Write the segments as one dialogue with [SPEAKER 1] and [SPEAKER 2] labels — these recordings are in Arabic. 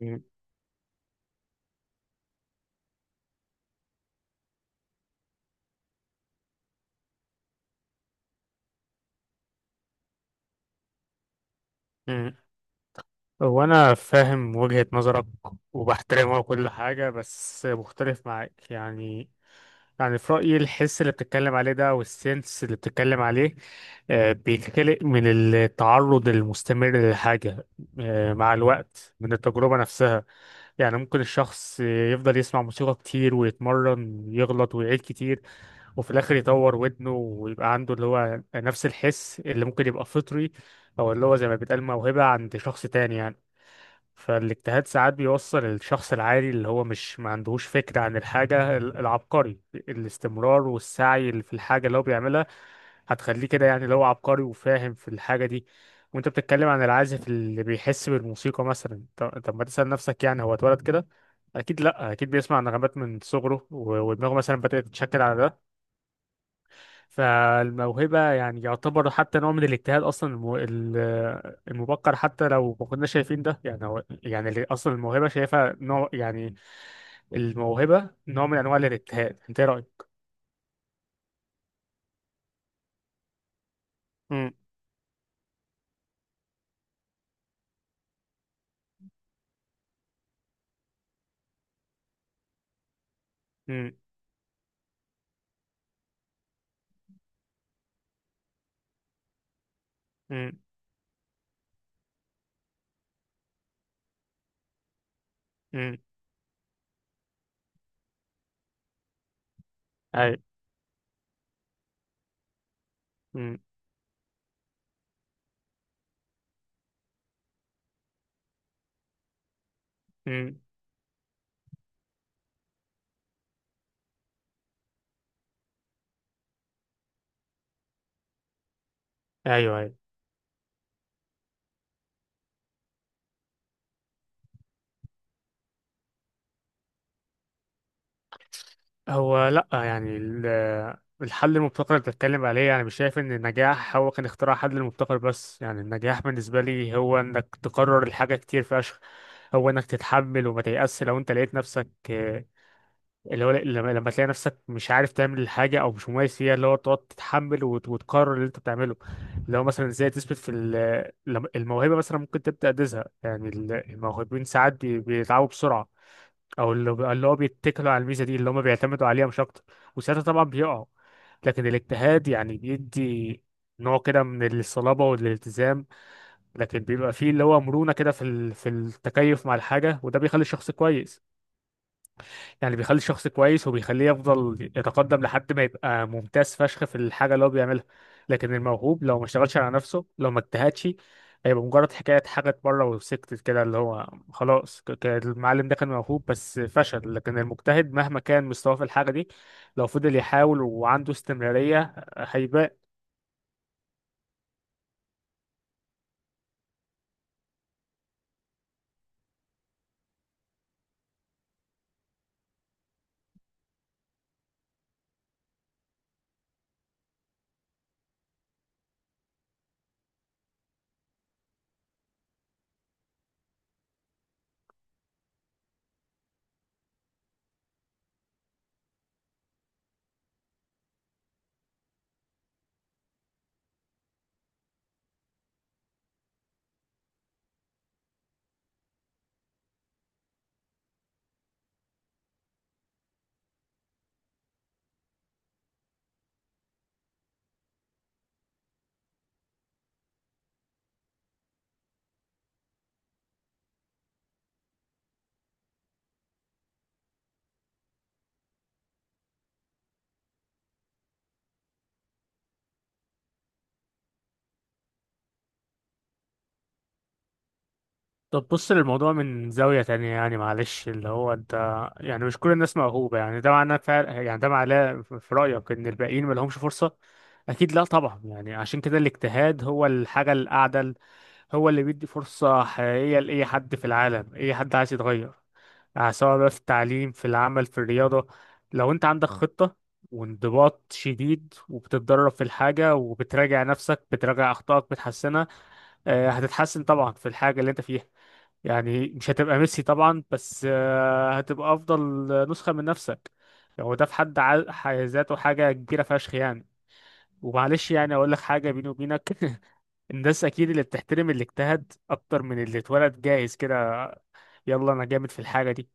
[SPEAKER 1] مم. مم. هو أنا فاهم وجهة نظرك وبحترمها وكل حاجة، بس مختلف معاك يعني في رأيي الحس اللي بتتكلم عليه ده والسنس اللي بتتكلم عليه بيتخلق من التعرض المستمر للحاجة، مع الوقت من التجربة نفسها. يعني ممكن الشخص يفضل يسمع موسيقى كتير ويتمرن، يغلط ويعيد كتير، وفي الاخر يطور ودنه ويبقى عنده اللي هو نفس الحس اللي ممكن يبقى فطري، او اللي هو زي ما بيتقال موهبة عند شخص تاني يعني. فالاجتهاد ساعات بيوصل الشخص العادي اللي هو مش ما عندهوش فكرة عن الحاجة العبقري، الاستمرار والسعي اللي في الحاجة اللي هو بيعملها هتخليه كده، يعني اللي هو عبقري وفاهم في الحاجة دي. وانت بتتكلم عن العازف اللي بيحس بالموسيقى مثلا، طب طب ما تسأل نفسك يعني هو اتولد كده؟ اكيد لا، اكيد بيسمع نغمات من صغره و- ودماغه مثلا بدأت تتشكل على ده. فالموهبة يعني يعتبر حتى نوع من الاجتهاد أصلا المبكر، حتى لو ما كنا شايفين ده. يعني هو يعني اللي أصلا الموهبة شايفها نوع يعني. الموهبة نوع من أنواع الاجتهاد. أنت إيه رأيك؟ أمم، أمم، أمم، أمم، أيوه. أمم، أمم، أيوه، أيوه. هو لأ، يعني الحل المبتكر اللي بتتكلم عليه، يعني مش شايف إن النجاح هو كان اختراع حل المبتكر بس. يعني النجاح بالنسبة لي هو إنك تكرر الحاجة كتير فشخ، هو إنك تتحمل وما تيأس لو أنت لقيت نفسك اللي هو لما تلاقي نفسك مش عارف تعمل الحاجة أو مش مميز فيها اللي هو تقعد تتحمل وتكرر اللي أنت بتعمله. اللي هو مثلا إزاي تثبت في الموهبة، مثلا ممكن تبدأ تزهق يعني الموهوبين ساعات بيتعبوا بسرعة، او اللي هو بيتكلوا على الميزه دي اللي هم بيعتمدوا عليها مش اكتر، وساعتها طبعا بيقعوا. لكن الاجتهاد يعني بيدي نوع كده من الصلابه والالتزام، لكن بيبقى فيه اللي هو مرونه كده في التكيف مع الحاجه، وده بيخلي الشخص كويس. يعني بيخلي الشخص كويس وبيخليه يفضل يتقدم لحد ما يبقى ممتاز فشخ في الحاجة اللي هو بيعملها. لكن الموهوب لو ما اشتغلش على نفسه، لو ما اجتهدش، هيبقى مجرد حكاية حاجة بره وسكتت كده اللي هو خلاص. المعلم ده كان موهوب بس فشل، لكن المجتهد مهما كان مستواه في الحاجة دي، لو فضل يحاول وعنده استمرارية هيبان. طب بص للموضوع من زاوية تانية، يعني معلش اللي هو انت، يعني مش كل الناس موهوبة. يعني ده معناه فعلا، يعني ده معناه في رأيك ان الباقيين ما لهمش فرصة؟ اكيد لا طبعا. يعني عشان كده الاجتهاد هو الحاجة الأعدل، هو اللي بيدي فرصة حقيقية لأي حد في العالم، أي حد عايز يتغير. يعني سواء بقى في التعليم، في العمل، في الرياضة، لو انت عندك خطة وانضباط شديد، وبتتدرب في الحاجة، وبتراجع نفسك، بتراجع أخطائك بتحسنها، هتتحسن طبعا في الحاجة اللي انت فيها. يعني مش هتبقى ميسي طبعا، بس هتبقى افضل نسخة من نفسك. يعني هو ده في حد ذاته حاجة كبيرة فشخ يعني. ومعلش يعني اقول لك حاجة بيني وبينك الناس اكيد اللي بتحترم اللي اجتهد اكتر من اللي اتولد جاهز كده. يلا، انا جامد في الحاجة دي.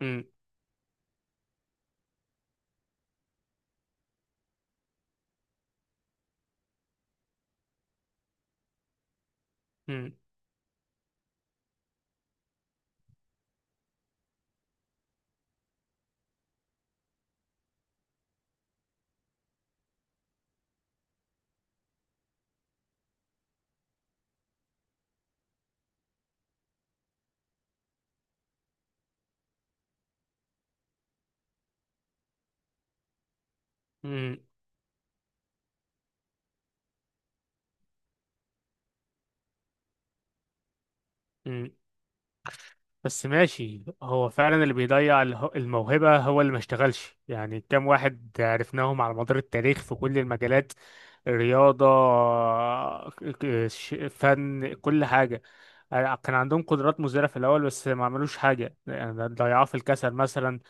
[SPEAKER 1] م- م- م- م. بس ماشي. هو فعلا اللي بيضيع الموهبة هو اللي ما اشتغلش. يعني كام واحد عرفناهم على مدار التاريخ في كل المجالات، رياضة، فن، كل حاجة، كان عندهم قدرات مزدهرة في الأول بس ما عملوش حاجة. يعني ضيعوها في الكسل مثلا،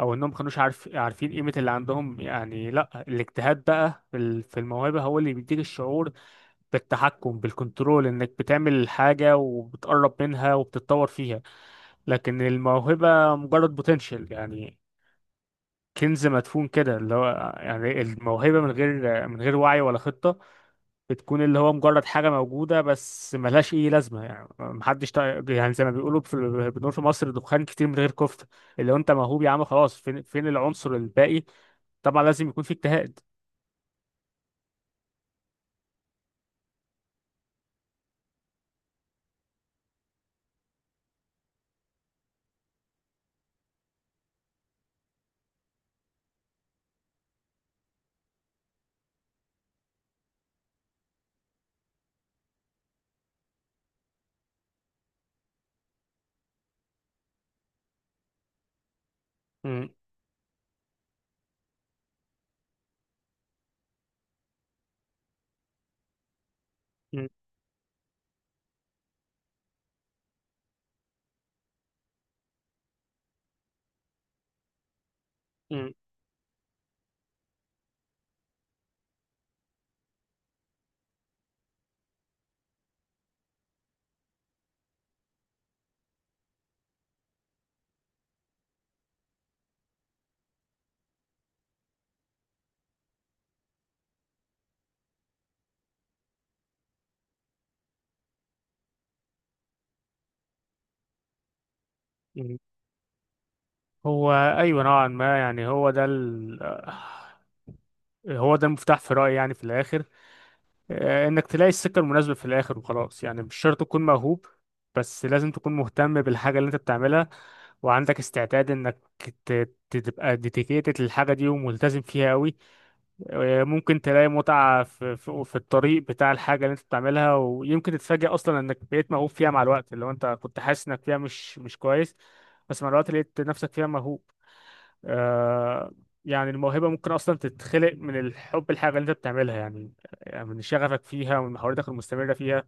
[SPEAKER 1] أو إنهم ما كانوش عارفين قيمة اللي عندهم. يعني لأ، الاجتهاد بقى في الموهبة هو اللي بيديك الشعور بالتحكم، بالكنترول، إنك بتعمل حاجة وبتقرب منها وبتتطور فيها. لكن الموهبة مجرد بوتنشال يعني، كنز مدفون كده اللي هو. يعني الموهبة من غير وعي ولا خطة، بتكون اللي هو مجرد حاجة موجودة بس ملهاش أي لازمة. يعني محدش يعني زي ما بيقولوا، في بنقول في مصر دخان كتير من غير كفتة. اللي هو أنت موهوب يا عم خلاص، فين فين العنصر الباقي؟ طبعا لازم يكون في اجتهاد. م- م- م- م. هو أيوة نوعا ما، يعني هو ده المفتاح في رأيي، يعني في الآخر انك تلاقي السكة المناسبة في الاخر وخلاص. يعني مش شرط تكون موهوب، بس لازم تكون مهتم بالحاجة اللي انت بتعملها، وعندك استعداد انك تبقى ديديكيتد للحاجة دي وملتزم فيها قوي. ممكن تلاقي متعة في الطريق بتاع الحاجة اللي انت بتعملها، ويمكن تتفاجئ اصلا انك بقيت موهوب فيها مع الوقت لو انت كنت حاسس انك فيها مش كويس، بس مع الوقت لقيت نفسك فيها موهوب. آه. يعني الموهبة ممكن أصلا تتخلق من الحب الحاجة اللي أنت بتعملها، يعني يعني من شغفك فيها ومن محاولتك المستمرة فيها.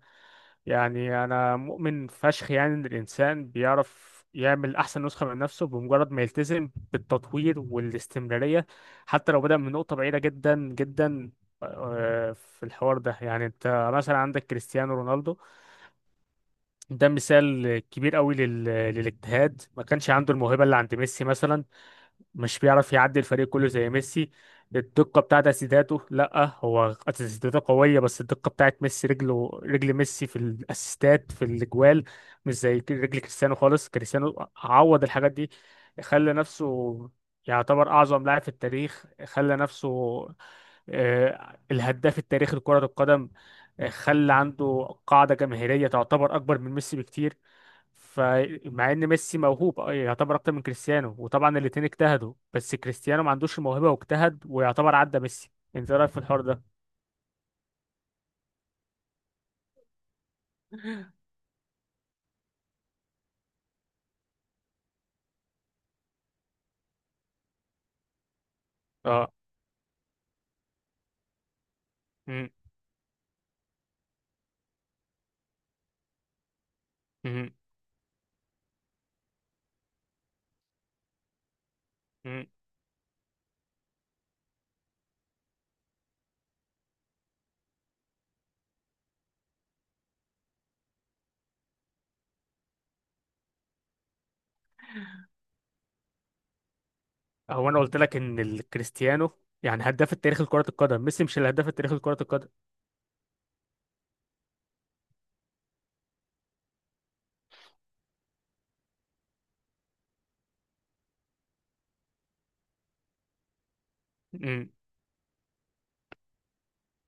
[SPEAKER 1] يعني أنا مؤمن فشخ يعني إن الإنسان بيعرف يعمل أحسن نسخة من نفسه بمجرد ما يلتزم بالتطوير والاستمرارية، حتى لو بدأ من نقطة بعيدة جدا جدا. في الحوار ده، يعني أنت مثلا عندك كريستيانو رونالدو، ده مثال كبير قوي للاجتهاد. ما كانش عنده الموهبة اللي عند ميسي مثلا، مش بيعرف يعدي الفريق كله زي ميسي. الدقة بتاعت اسيستاته، لا هو اسيستاته قوية، بس الدقة بتاعت ميسي، رجله، رجل ميسي في الاسيستات في الاجوال مش زي رجل كريستيانو خالص. كريستيانو عوض الحاجات دي، خلى نفسه يعتبر أعظم لاعب في التاريخ، خلى نفسه الهداف التاريخي لكرة القدم، خلى عنده قاعدة جماهيرية تعتبر أكبر من ميسي بكتير. فمع ان ميسي موهوب يعتبر اكتر من كريستيانو، وطبعا الاتنين اجتهدوا، بس كريستيانو ما عندوش الموهبة واجتهد ويعتبر عدى ميسي. انت إيه رايك في الحوار ده؟ اه. مم. مم. مم. هو انا قلت لك ان الكريستيانو يعني هداف التاريخ لكرة القدم، ميسي مش الهداف التاريخي لكرة القدم.